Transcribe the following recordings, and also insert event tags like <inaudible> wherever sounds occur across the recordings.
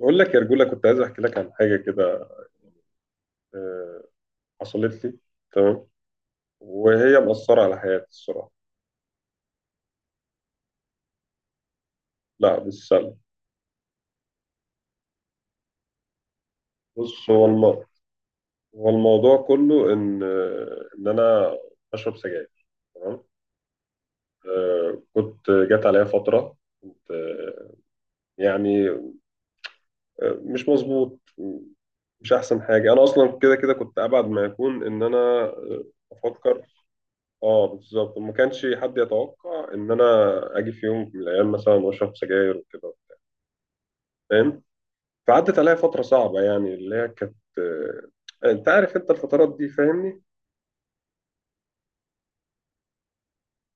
بقول لك يا رجولة، كنت عايز أحكي لك عن حاجة كده. آه، حصلت لي. تمام. وهي مأثرة على حياتي الصراحة. لا بالسلب. بص، هو الموضوع كله إن إن أنا بشرب سجاير. تمام. كنت جات عليا فترة. كنت آه، يعني آه، مش مظبوط. مش أحسن حاجة، أنا أصلا كده كده كنت أبعد ما يكون إن أنا أفكر. اه بالظبط، ما كانش حد يتوقع ان انا اجي في يوم من الايام مثلا واشرب سجاير وكده، فاهم. فعدت عليا فترة صعبة، يعني اللي هي كانت انت عارف انت الفترات دي، فاهمني.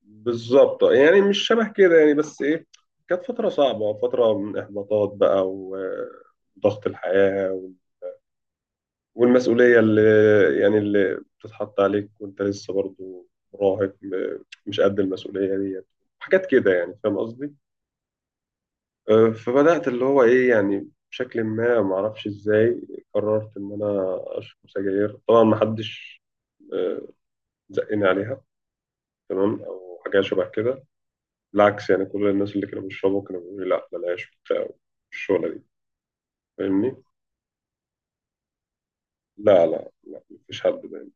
بالظبط، يعني مش شبه كده يعني، بس ايه، كانت فترة صعبة، فترة من احباطات بقى وضغط الحياة والمسؤولية اللي يعني اللي بتتحط عليك وانت لسه برضو مراهق، مش قد المسؤولية دي، حاجات كده يعني، فاهم قصدي. فبدأت اللي هو ايه، يعني بشكل ما معرفش ازاي قررت ان انا اشرب سجاير. طبعا محدش زقني عليها. تمام، او حاجه شبه كده. بالعكس يعني، كل الناس اللي كانوا بيشربوا كانوا بيقولوا لي لا بلاش وبتاع الشغله دي، فاهمني. لا لا لا، مفيش حد باين.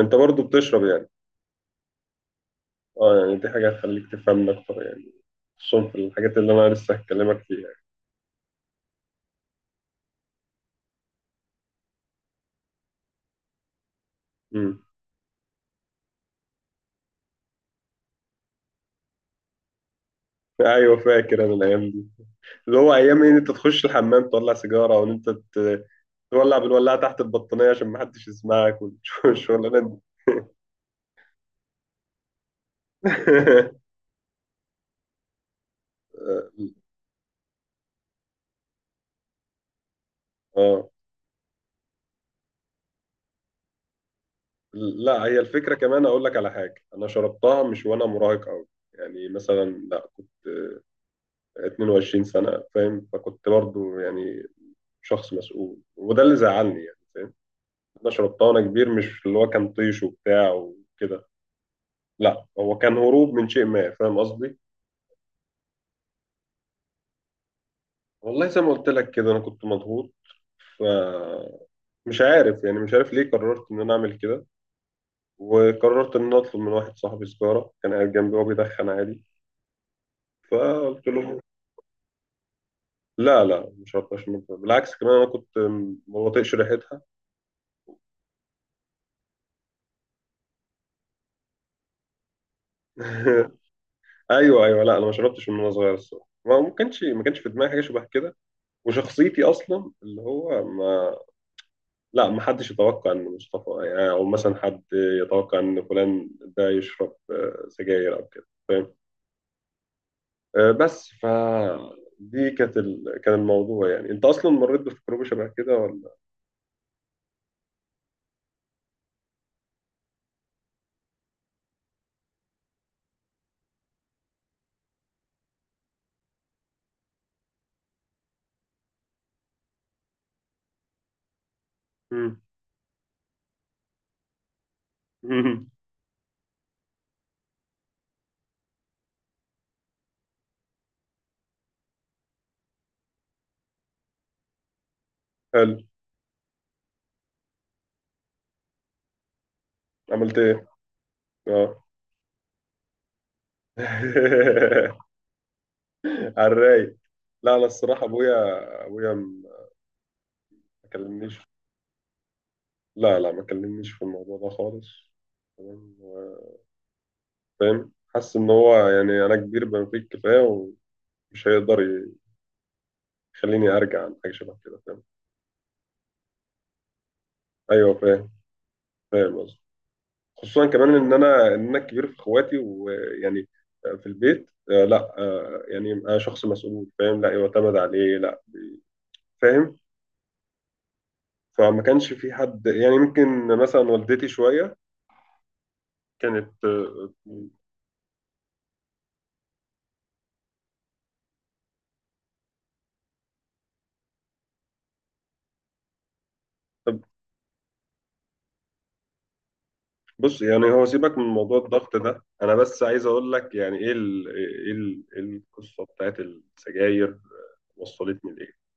انت برضو بتشرب يعني. اه، يعني دي حاجه هتخليك تفهمني اكتر يعني، خصوصا في الحاجات اللي انا لسه هكلمك فيها يعني. امم. <laughs> ايوه، فاكر انا الايام دي، اللي هو ايام إيه؟ ان انت تخش الحمام تولع سيجاره وان انت تولع بالولاعه تحت البطانيه عشان ما حدش يسمعك، والشغلانه <laughs> دي. <laughs> اه. لا، هي الفكرة كمان، أقول لك على حاجة. أنا شربتها مش وأنا مراهق أوي، يعني مثلا، لا كنت 22 سنة فاهم، فكنت برضو يعني شخص مسؤول، وده اللي زعلني يعني، فاهم. أنا شربتها وأنا كبير، مش اللي هو كان طيش وبتاع وكده. لا، هو كان هروب من شيء ما، فاهم قصدي. والله زي ما قلت لك كده، أنا كنت مضغوط، فمش عارف يعني، مش عارف ليه قررت إن أنا أعمل كده، وقررت إن أنا أطلب من واحد صاحبي سيجارة كان قاعد جنبي وهو بيدخن عادي، فقلت له. لا لا، مش شربتهاش من وأنا- بالعكس، كمان انا كنت ما بطيقش ريحتها. <laughs> ايوه ايوه، لا انا ما شربتش من وانا صغير الصراحه، ما كانش في دماغي حاجه شبه كده، وشخصيتي اصلا اللي هو ما. لا، ما حدش يتوقع ان مصطفى يعني، او مثلا حد يتوقع ان فلان ده يشرب سجاير او كده، فاهم. آه، بس ف دي كانت كان الموضوع، يعني انت اصلا مريت بتجربه شبه كده ولا؟ مم. <laughs> حلو. عملت ايه؟ اه. <laughs> على الرايق. لا، انا الصراحه ابويا، ابويا م- ما كلمنيش. لا لا، ما كلمنيش في الموضوع ده خالص. تمام، هو فاهم، حاسس ان هو، يعني انا كبير بما فيه الكفايه، ومش هيقدر يخليني ارجع عن حاجه شبه كده، فاهم. ايوه، فاهم. فاهم قصدي. خصوصا كمان ان انا الكبير في اخواتي ويعني في البيت، آه، لا آه، يعني انا شخص مسؤول، فاهم، لا يعتمد عليه لا، فاهم. فما كانش في حد يعني، ممكن مثلا والدتي شويه كانت بص، يعني هو سيبك من موضوع الضغط ده، انا بس عايز اقول لك يعني ايه ال ايه ال إيه القصه بتاعت السجاير وصلتني لايه.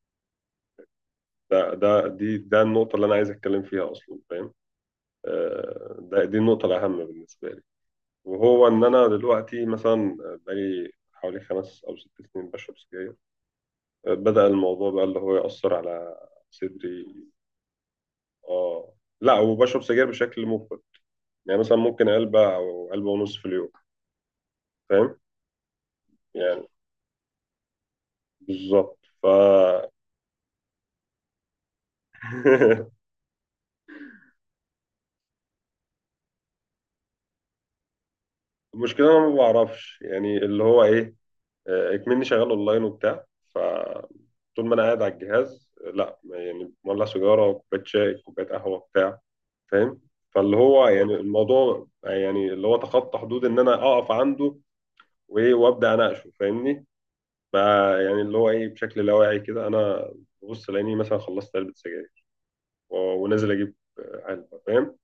ده النقطه اللي انا عايز اتكلم فيها اصلا، فاهم. دي النقطه الاهم بالنسبه لي، وهو ان انا دلوقتي مثلا بقالي حوالي 5 او 6 سنين بشرب سجاير. بدأ الموضوع بقى اللي هو يأثر على صدري. اه، لا، وبشرب سجاير بشكل مفرط، يعني مثلا ممكن علبه او علبه ونص في اليوم، فاهم يعني بالظبط ف. <laughs> المشكله انا ما بعرفش يعني اللي هو ايه، اكمني شغال اونلاين وبتاع، فطول ما انا قاعد على الجهاز لا يعني، مولع سيجاره، كوبايه شاي، كوبايه قهوه بتاع، فاهم. فاللي هو يعني الموضوع يعني اللي هو تخطى حدود ان انا اقف عنده وايه وابدا اناقشه، فاهمني. بقى يعني اللي هو ايه، بشكل لا واعي كده انا ببص لاني مثلا خلصت علبه سجاير، ونازل اجيب علبه، فاهم.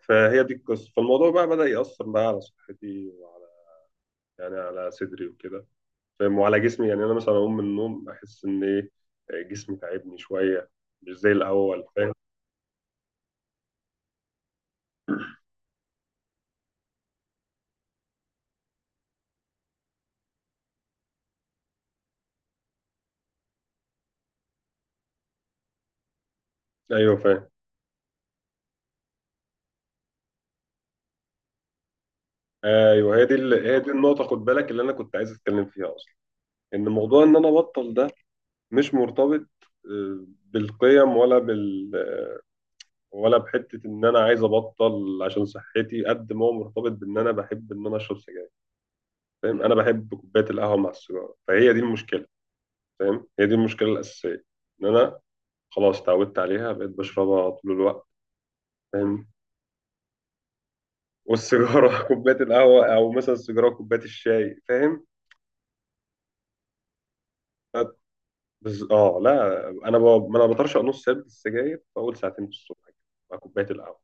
فهي دي القصه. فالموضوع بقى بدأ يأثر بقى على صحتي، وعلى يعني على صدري وكده، فاهم، وعلى جسمي، يعني انا مثلا اقوم من النوم احس ان ايه، جسمي تعبني شويه، مش زي الاول، فاهم. ايوه، فاهم. ايوه، هي دي النقطه، خد بالك، اللي انا كنت عايز اتكلم فيها اصلا، ان موضوع ان انا ابطل ده مش مرتبط بالقيم ولا بال، ولا بحته ان انا عايز ابطل عشان صحتي، قد ما هو مرتبط بان انا بحب ان انا اشرب سجاير، فاهم. انا بحب كوبايه القهوه مع السيجاره، فهي دي المشكله، فاهم. هي دي المشكله الاساسيه، ان انا خلاص اتعودت عليها، بقيت بشربها طول الوقت، فاهم. والسيجاره <laughs> كوبايه القهوه، او مثلا السيجاره كوبايه الشاي، فاهم. بس اه، لا انا ب... ما انا بطرشق نص علبه السجاير في اول ساعتين في الصبح كده، مع كوبايه القهوه،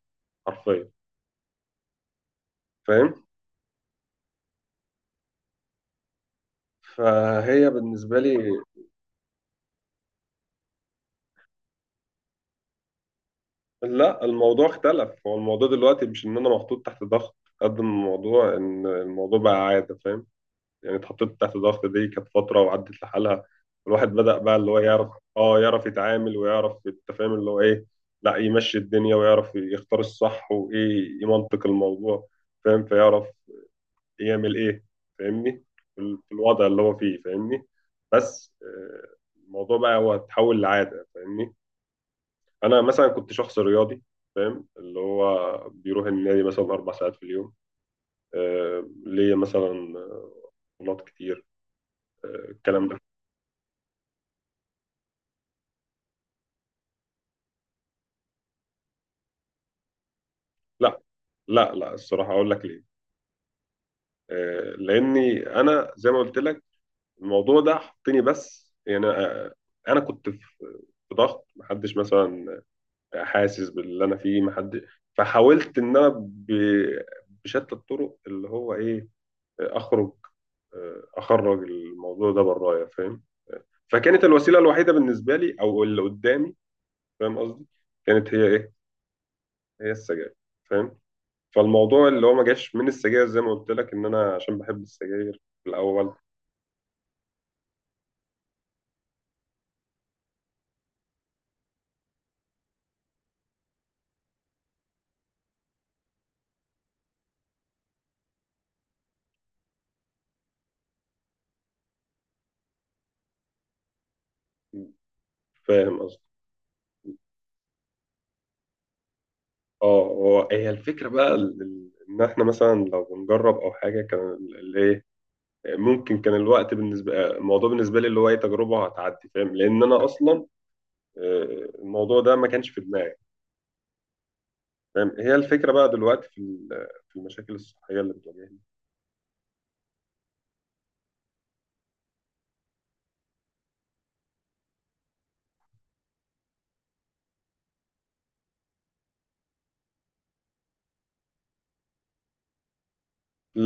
حرفيا، فاهم. فهي بالنسبه لي، لا الموضوع اختلف. هو الموضوع دلوقتي مش ان انا محطوط تحت ضغط، قد ما الموضوع ان الموضوع بقى عاده، فاهم. يعني اتحطيت تحت الضغط، دي كانت فترة وعدت لحالها. الواحد بدأ بقى اللي هو يعرف، اه يعرف يتعامل ويعرف التفاهم اللي هو ايه، لا يمشي الدنيا ويعرف يختار الصح وايه يمنطق الموضوع، فاهم، فيعرف يعمل ايه، فاهمني. في الوضع اللي هو فيه، فاهمني. بس الموضوع بقى هو اتحول لعادة، فاهمني. انا مثلا كنت شخص رياضي، فاهم، اللي هو بيروح النادي مثلا 4 ساعات في اليوم. ليا مثلا بطولات كتير، الكلام ده. لا لا لا، الصراحة أقول لك ليه. لأني أنا زي ما قلت لك، الموضوع ده حطني بس يعني. أنا كنت في في ضغط، محدش مثلا حاسس باللي أنا فيه محد، فحاولت إن أنا بشتى الطرق اللي هو إيه، آه، أخرج أخرج الموضوع ده برايا، فاهم. فكانت الوسيلة الوحيدة بالنسبة لي، أو اللي قدامي، فاهم قصدي، كانت هي إيه، هي السجاير، فاهم. فالموضوع اللي هو ما جاش من السجاير، زي ما قلت لك ان انا عشان بحب السجاير في الاول، فاهم قصدي. اه، هو هي الفكره بقى ان احنا مثلا لو بنجرب او حاجه، كان الايه، ممكن كان الوقت بالنسبه، الموضوع بالنسبه لي اللي هو اي تجربه هتعدي، فاهم، لان انا اصلا الموضوع ده ما كانش في دماغي، فاهم. هي الفكره بقى دلوقتي في المشاكل الصحيه اللي بتواجهني.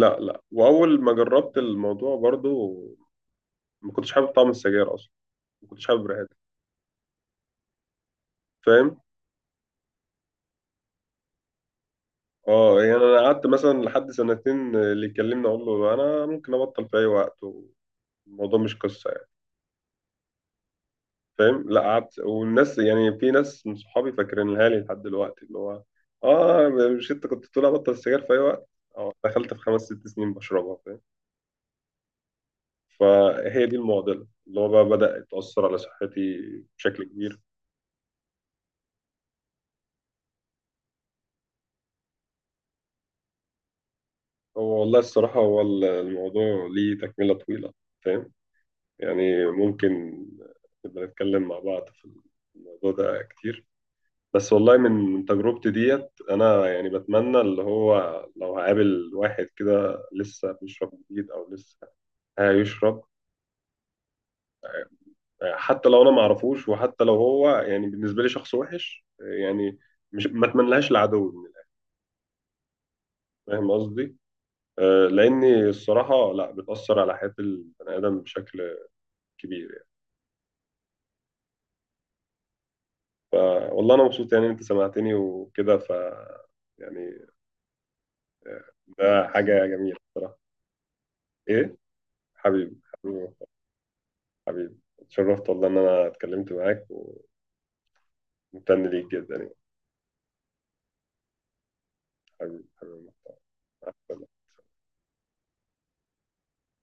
لا لا، واول ما جربت الموضوع برضو ما كنتش حابب طعم السجاير اصلا، ما كنتش حابب ريحتها، فاهم. اه، يعني انا قعدت مثلا لحد سنتين، اللي يكلمني اقول له انا ممكن ابطل في اي وقت، الموضوع مش قصه يعني، فاهم. لا قعدت، والناس يعني في ناس من صحابي فاكرينها لي لحد دلوقتي اللي هو، اه، مش انت كنت تقول ابطل السجاير في اي وقت. اه، دخلت في 5 6 سنين بشربها، فاهم. فهي دي المعضله اللي هو بقى بدأ يتأثر على صحتي بشكل كبير. هو والله الصراحه، هو الموضوع ليه تكمله طويله، فاهم. يعني ممكن نبقى نتكلم مع بعض في الموضوع ده كتير، بس والله من تجربتي ديت أنا يعني بتمنى اللي هو، لو هقابل واحد كده لسه بيشرب جديد أو لسه هيشرب، حتى لو أنا معرفوش، وحتى لو هو يعني بالنسبة لي شخص وحش يعني، مش ما أتمنلهاش العدو من الآخر. فاهم قصدي؟ لأني الصراحة لا بتأثر على حياة البني آدم بشكل كبير يعني. فوالله أنا مبسوط يعني أنت سمعتني وكده، ف يعني، ده حاجة جميلة بصراحة. إيه، حبيبي حبيبي. حبيبي، اتشرفت والله إن أنا اتكلمت معاك، وممتن ليك جدا يعني. حبيبي حبيبي. مع السلامة.